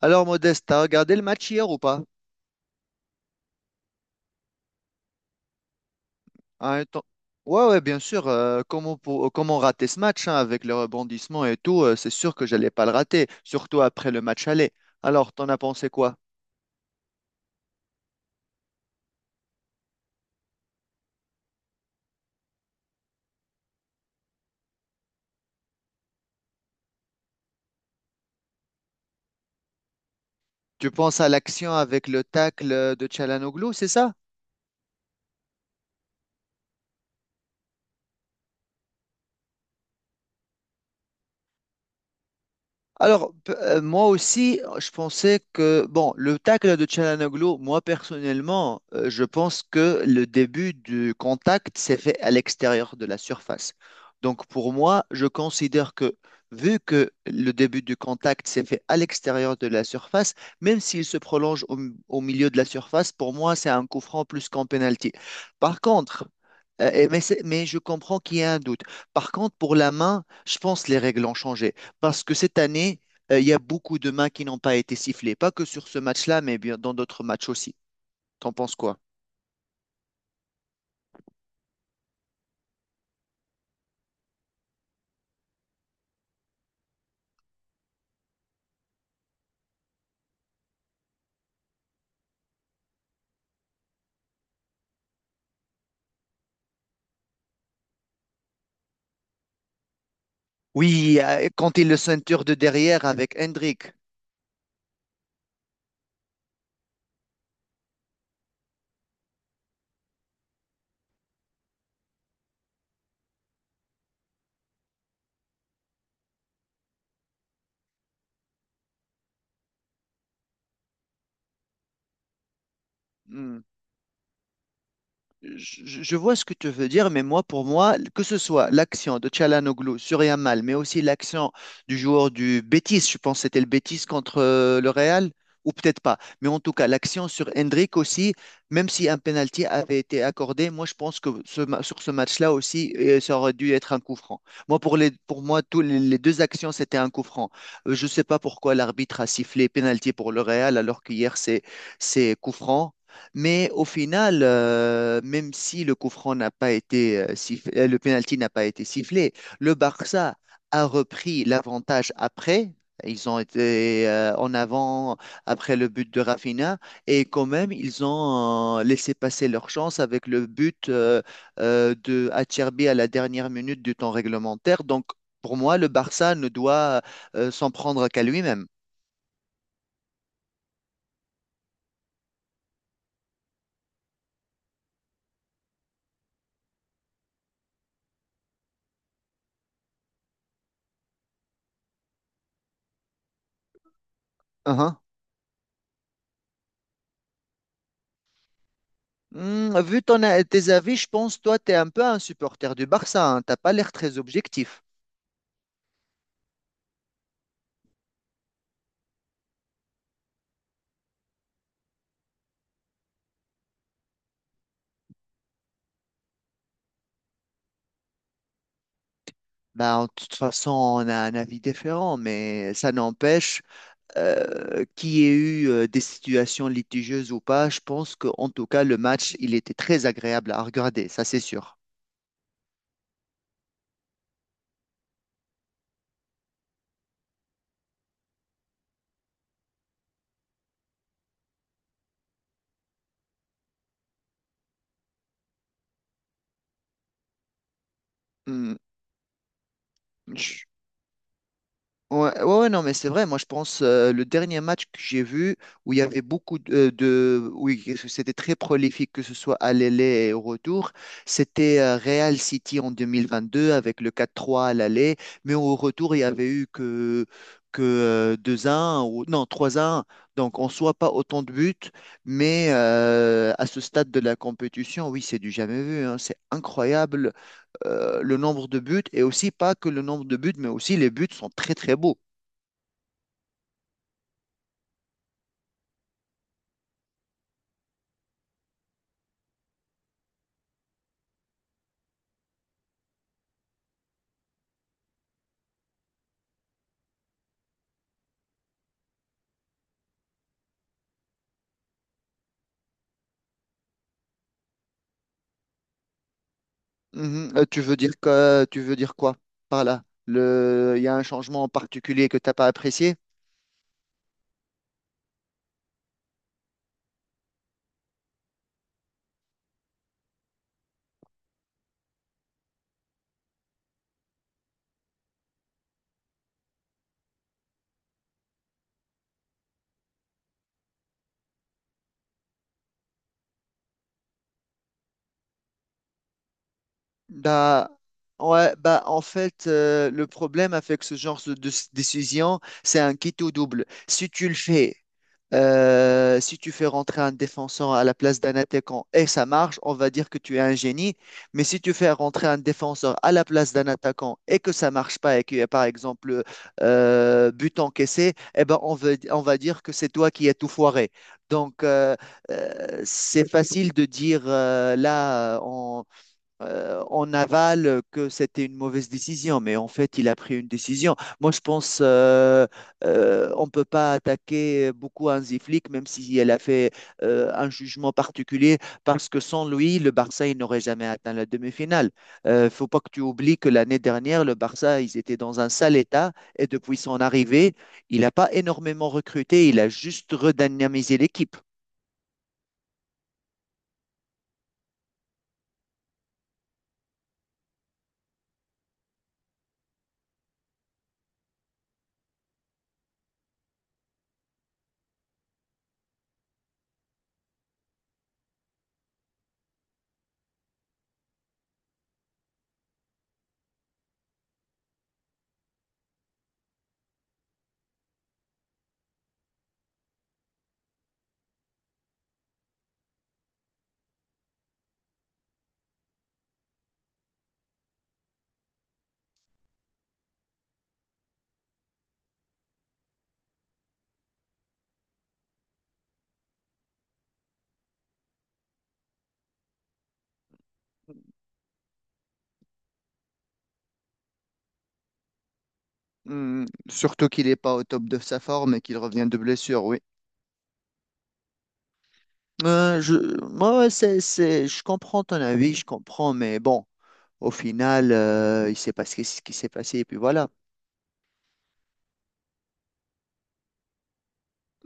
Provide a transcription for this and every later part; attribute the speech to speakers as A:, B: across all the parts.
A: Alors, Modeste, t'as regardé le match hier ou pas? À un temps- Ouais, ouais, bien sûr. Comment, comment rater ce match hein, avec le rebondissement et tout, c'est sûr que j'allais pas le rater, surtout après le match aller. Alors, t'en as pensé quoi? Tu penses à l'action avec le tacle de Çalhanoğlu, c'est ça? Moi aussi, je pensais que, bon, le tacle de Çalhanoğlu, moi personnellement, je pense que le début du contact s'est fait à l'extérieur de la surface. Donc, pour moi, je considère que, vu que le début du contact s'est fait à l'extérieur de la surface, même s'il se prolonge au milieu de la surface, pour moi, c'est un coup franc plus qu'un penalty. Par contre, mais je comprends qu'il y a un doute. Par contre, pour la main, je pense que les règles ont changé parce que cette année, il y a beaucoup de mains qui n'ont pas été sifflées. Pas que sur ce match-là, mais bien dans d'autres matchs aussi. T'en penses quoi? Oui, quand il le ceinture de derrière avec Hendrik. Je vois ce que tu veux dire, mais moi, pour moi, que ce soit l'action de Çalhanoğlu sur Yamal, mais aussi l'action du joueur du Betis, je pense que c'était le Betis contre le Real, ou peut-être pas, mais en tout cas, l'action sur Hendrik aussi, même si un penalty avait été accordé, moi, je pense que sur ce match-là aussi, ça aurait dû être un coup franc. Moi, pour moi, les deux actions, c'était un coup franc. Je ne sais pas pourquoi l'arbitre a sifflé penalty pour le Real, alors qu'hier, c'est coup franc. Mais au final, même si le coup franc n'a pas été sifflé, le penalty n'a pas été sifflé, le Barça a repris l'avantage après. Ils ont été en avant après le but de Rafinha et quand même ils ont laissé passer leur chance avec le but de Acerbi à la dernière minute du temps réglementaire. Donc pour moi, le Barça ne doit s'en prendre qu'à lui-même. Hmm, vu tes avis, je pense toi, tu es un peu un supporter du Barça, hein. T'as pas l'air très objectif. Bah, de toute façon, on a un avis différent, mais ça n'empêche qu'il y ait eu des situations litigieuses ou pas. Je pense qu'en tout cas, le match, il était très agréable à regarder, ça c'est sûr. Hmm, je, Ouais, ouais, ouais, non, mais c'est vrai. Moi, je pense le dernier match que j'ai vu où il y avait beaucoup oui, que c'était très prolifique, que ce soit à l'aller et au retour, c'était Real City en 2022 avec le 4-3 à l'aller, mais au retour, il y avait eu que 2-1 ou non trois 1. Donc, en soit pas autant de buts, mais à ce stade de la compétition, oui, c'est du jamais vu, hein. C'est incroyable le nombre de buts et aussi pas que le nombre de buts, mais aussi les buts sont très très beaux. Mhm. Tu veux dire quoi par là? Il y a un changement en particulier que t'as pas apprécié? Bah, ouais, bah, en fait, le problème avec ce genre de décision, c'est un quitte ou double. Si tu fais rentrer un défenseur à la place d'un attaquant et ça marche, on va dire que tu es un génie. Mais si tu fais rentrer un défenseur à la place d'un attaquant et que ça marche pas et qu'il y a par exemple but encaissé, eh ben on va dire que c'est toi qui as tout foiré. Donc euh, c'est facile de dire là en aval que c'était une mauvaise décision, mais en fait, il a pris une décision. Moi, je pense on ne peut pas attaquer beaucoup Hansi Flick, même si elle a fait un jugement particulier, parce que sans lui, le Barça, il n'aurait jamais atteint la demi-finale. Ne faut pas que tu oublies que l'année dernière, le Barça, ils étaient dans un sale état, et depuis son arrivée, il n'a pas énormément recruté, il a juste redynamisé l'équipe. Hmm, surtout qu'il n'est pas au top de sa forme et qu'il revient de blessure, oui. Euh, je, Moi, ouais, je comprends ton avis, je comprends, mais bon, au final, il s'est passé ce qui s'est passé, et puis voilà.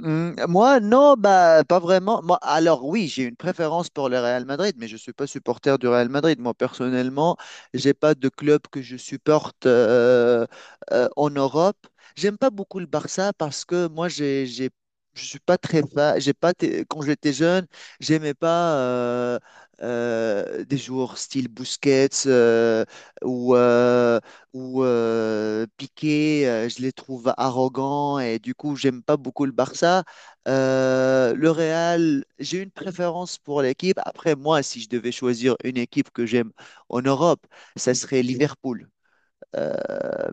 A: Hmm, moi, non, bah, pas vraiment. Moi, alors oui, j'ai une préférence pour le Real Madrid, mais je ne suis pas supporter du Real Madrid. Moi, personnellement, j'ai pas de club que je supporte en Europe. J'aime pas beaucoup le Barça parce que moi, je suis pas très fan. J'ai pas, été- Quand j'étais jeune, j'aimais pas des joueurs style Busquets ou où Piqué, je les trouve arrogants et du coup, j'aime pas beaucoup le Barça. Le Real, j'ai une préférence pour l'équipe. Après, moi, si je devais choisir une équipe que j'aime en Europe, ça serait Liverpool. Euh,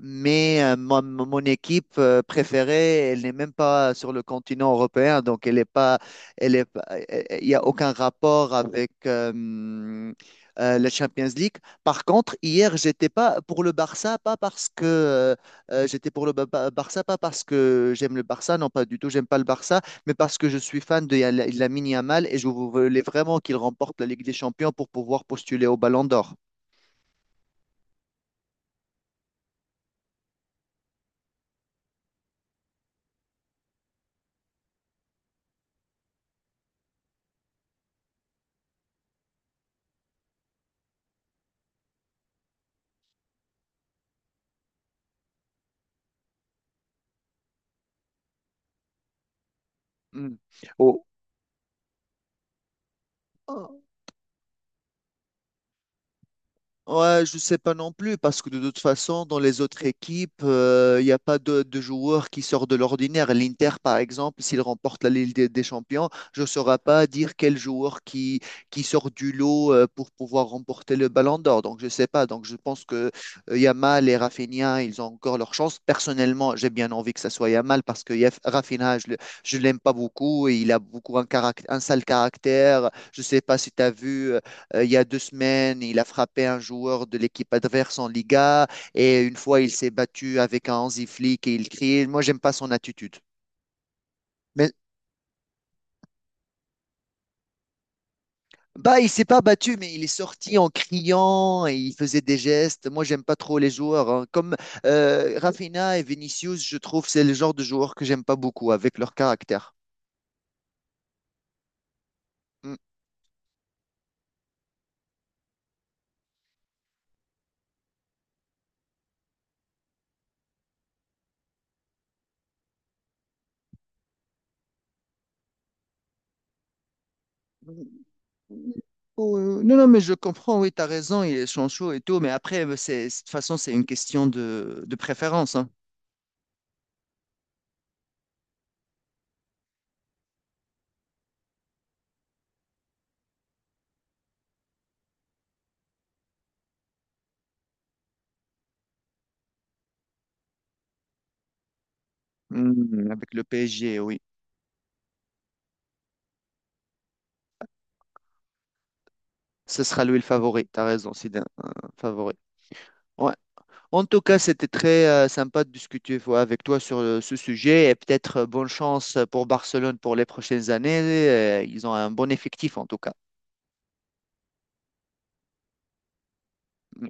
A: Mon équipe préférée, elle n'est même pas sur le continent européen, donc elle est, pas- il y a aucun rapport avec la Champions League. Par contre, hier, j'étais pas pour le Barça, pas parce que j'étais pour le Barça, pas parce que j'aime le Barça, non pas du tout, j'aime pas le Barça, mais parce que je suis fan de Lamine Yamal et je voulais vraiment qu'il remporte la Ligue des Champions pour pouvoir postuler au Ballon d'Or. Hmm. Oh. Ouais, je sais pas non plus, parce que de toute façon, dans les autres équipes, il n'y a pas de joueurs qui sortent de l'ordinaire. L'Inter, par exemple, s'il remporte la Ligue des Champions, je ne saurais pas dire qui sort du lot pour pouvoir remporter le Ballon d'Or. Donc, je sais pas. Donc, je pense que Yamal et Rafinha, ils ont encore leur chance. Personnellement, j'ai bien envie que ça soit Yamal, parce que Rafinha, je l'aime pas beaucoup, et il a beaucoup un sale caractère. Je sais pas si tu as vu. Il y a 2 semaines, il a frappé un joueur de l'équipe adverse en Liga et une fois, il s'est battu avec un Hansi Flick et il crie. Moi, j'aime pas son attitude. Mais bah, il s'est pas battu, mais il est sorti en criant et il faisait des gestes. Moi, j'aime pas trop les joueurs, hein. Comme Rafinha et Vinicius, je trouve c'est le genre de joueurs que j'aime pas beaucoup avec leur caractère. Mm. Oh, non, non, mais je comprends, oui, tu as raison, il est chaud et tout, mais après, de toute façon, c'est une question de préférence, hein. Hmm, avec le PSG, oui. Ce sera lui le favori, t'as raison, c'est un favori. Ouais. En tout cas, c'était très sympa de discuter voilà, avec toi sur ce sujet et peut-être bonne chance pour Barcelone pour les prochaines années. Ils ont un bon effectif en tout cas. Mm.